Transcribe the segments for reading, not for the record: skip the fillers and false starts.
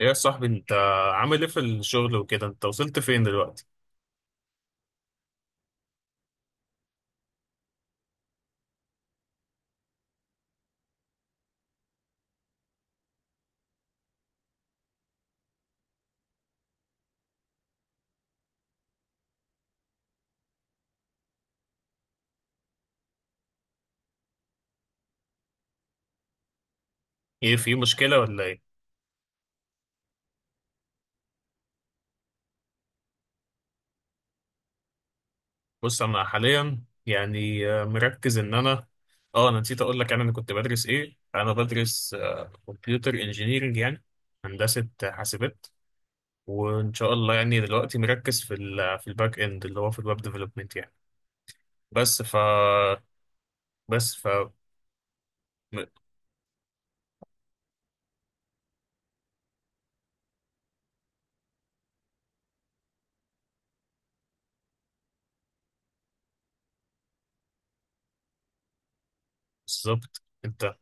ايه يا صاحبي انت عامل ايه في الشغل وكده؟ انت وصلت فين دلوقتي؟ ايه، في مشكلة ولا ايه؟ بص انا حاليا يعني مركز ان انا اه انا نسيت اقول لك، يعني انا كنت بدرس ايه. انا بدرس كمبيوتر انجينيرنج، يعني هندسة حاسبات. وان شاء الله يعني دلوقتي مركز في ال في الباك اند، اللي هو في الويب ديفلوبمنت يعني. بس ف بس ف م- بالظبط انت.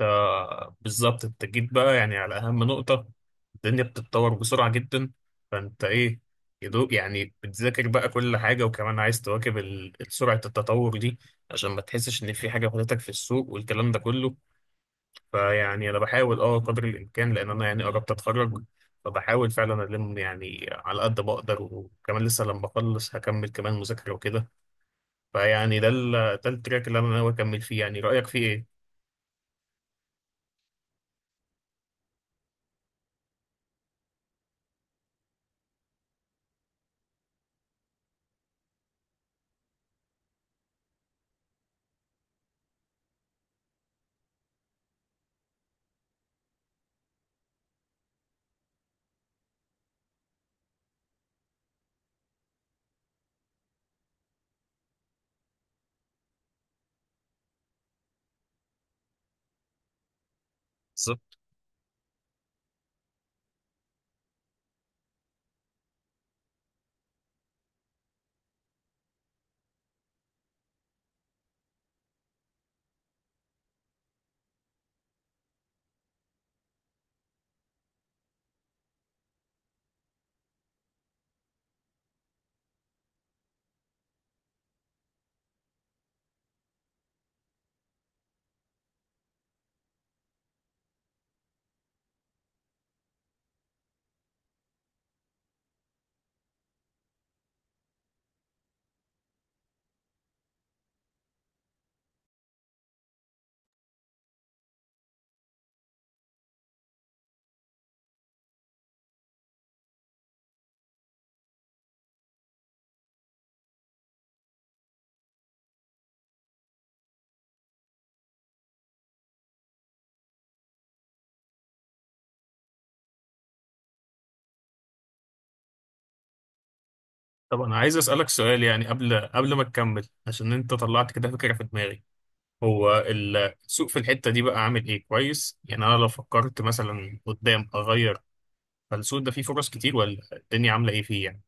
بالظبط انت جيت بقى يعني على اهم نقطة. الدنيا بتتطور بسرعة جدا، فانت ايه يدوق يعني، بتذاكر بقى كل حاجة وكمان عايز تواكب سرعة التطور دي، عشان ما تحسش ان في حاجة فاتتك في السوق والكلام ده كله. فيعني انا بحاول قدر الامكان، لان انا يعني قربت اتخرج، فبحاول فعلا الم يعني على قد ما اقدر، وكمان لسه لما اخلص هكمل كمان مذاكرة وكده. فيعني ده التراك اللي انا ناوي اكمل فيه، يعني رأيك فيه ايه؟ طب انا عايز اسالك سؤال يعني قبل ما تكمل، عشان انت طلعت كده فكره في دماغي. هو السوق في الحته دي بقى عامل ايه؟ كويس؟ يعني انا لو فكرت مثلا قدام اغير، فالسوق ده فيه فرص كتير ولا الدنيا عامله ايه فيه يعني؟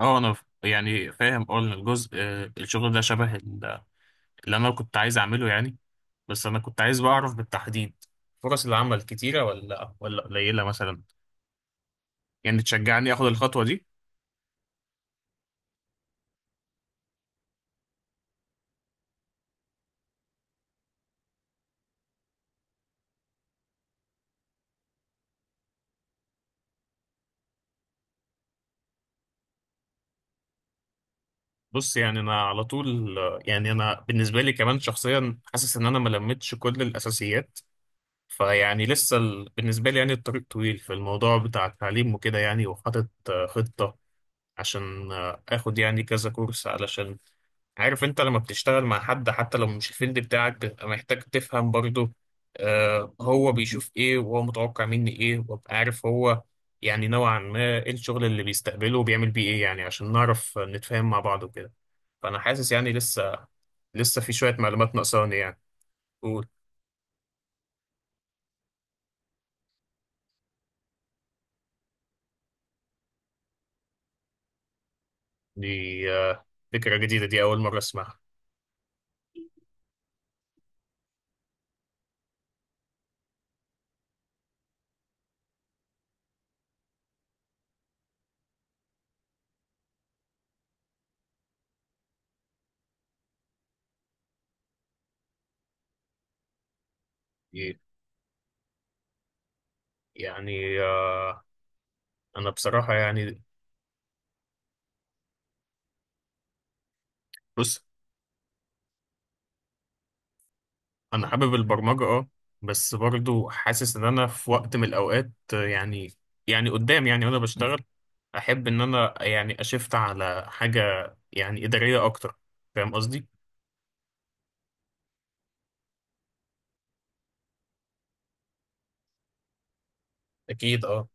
اه انا يعني فاهم ان الجزء الشغل ده شبه اللي انا كنت عايز اعمله يعني. بس انا كنت عايز بقى اعرف بالتحديد، فرص العمل كتيره ولا ولا قليله مثلا؟ يعني تشجعني اخد الخطوه دي؟ بص يعني انا على طول، يعني انا بالنسبه لي كمان شخصيا حاسس ان انا ما لمتش كل الاساسيات، فيعني لسه بالنسبه لي يعني الطريق طويل في الموضوع بتاع التعليم وكده يعني. وحاطط خطه عشان اخد يعني كذا كورس. علشان عارف، انت لما بتشتغل مع حد حتى لو مش الفيلد بتاعك، بتبقى محتاج تفهم برضه هو بيشوف ايه، وهو متوقع مني ايه، وابقى عارف هو يعني نوعا ما ايه الشغل اللي بيستقبله وبيعمل بيه ايه، يعني عشان نعرف نتفاهم مع بعض وكده. فانا حاسس يعني لسه، لسه في شوية معلومات ناقصاني يعني. قول. دي فكرة جديدة، دي اول مرة اسمعها. دي- يعني انا بصراحة يعني، بص انا حابب البرمجه اه، بس برضو حاسس ان انا في وقت من الاوقات يعني، يعني قدام يعني وانا بشتغل، احب ان انا يعني اشفت على حاجه يعني اداريه اكتر. فاهم قصدي؟ اكيد اه.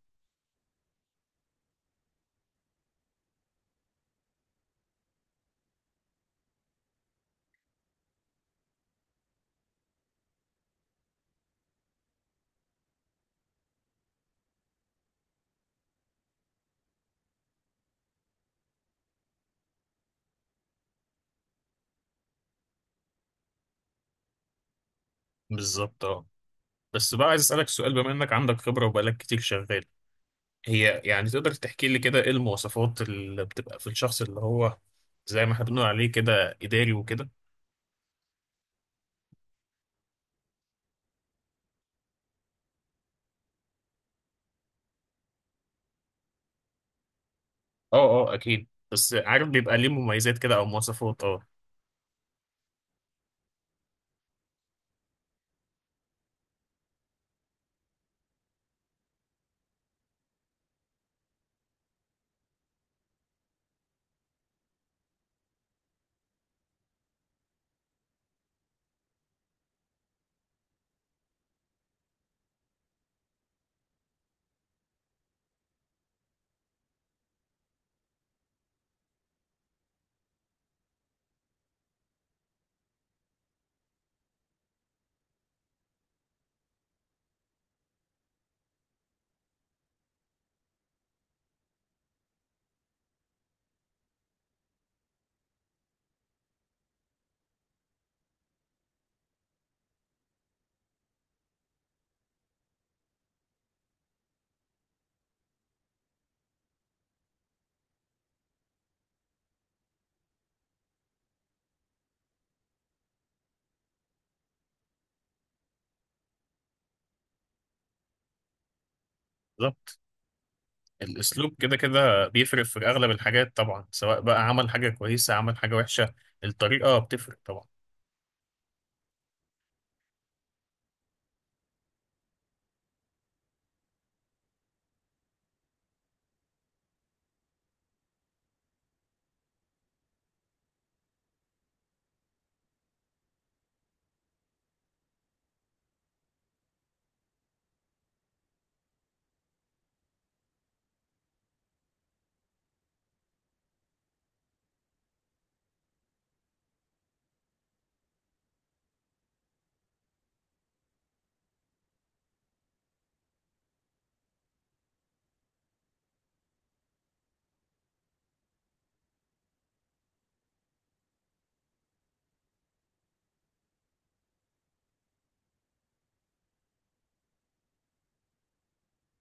بالظبط اه. بس بقى عايز اسالك سؤال، بما انك عندك خبره وبقالك كتير شغال، هي يعني تقدر تحكي لي كده ايه المواصفات اللي بتبقى في الشخص اللي هو زي ما احنا بنقول عليه كده اداري وكده؟ اه. اه اكيد، بس عارف بيبقى ليه مميزات كده او مواصفات اه. الاسلوب كده كده بيفرق في اغلب الحاجات طبعا، سواء بقى عمل حاجه كويسه عمل حاجه وحشه. الطريقه بتفرق طبعا.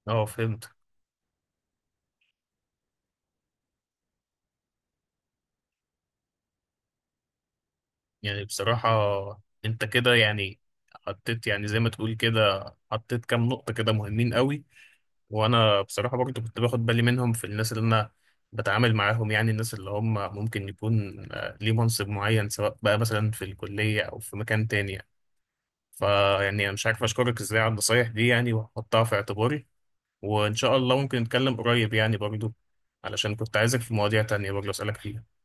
اه فهمت. يعني بصراحه انت كده يعني حطيت يعني زي ما تقول كده، حطيت كام نقطه كده مهمين قوي. وانا بصراحه برضو كنت باخد بالي منهم في الناس اللي انا بتعامل معاهم، يعني الناس اللي هم ممكن يكون ليه منصب معين، سواء بقى مثلا في الكليه او في مكان تاني يعني. فيعني انا مش عارف اشكرك ازاي على النصايح دي يعني، وهحطها في اعتباري. وإن شاء الله ممكن نتكلم قريب يعني برضو، علشان كنت عايزك في مواضيع تانية برضو أسألك فيها.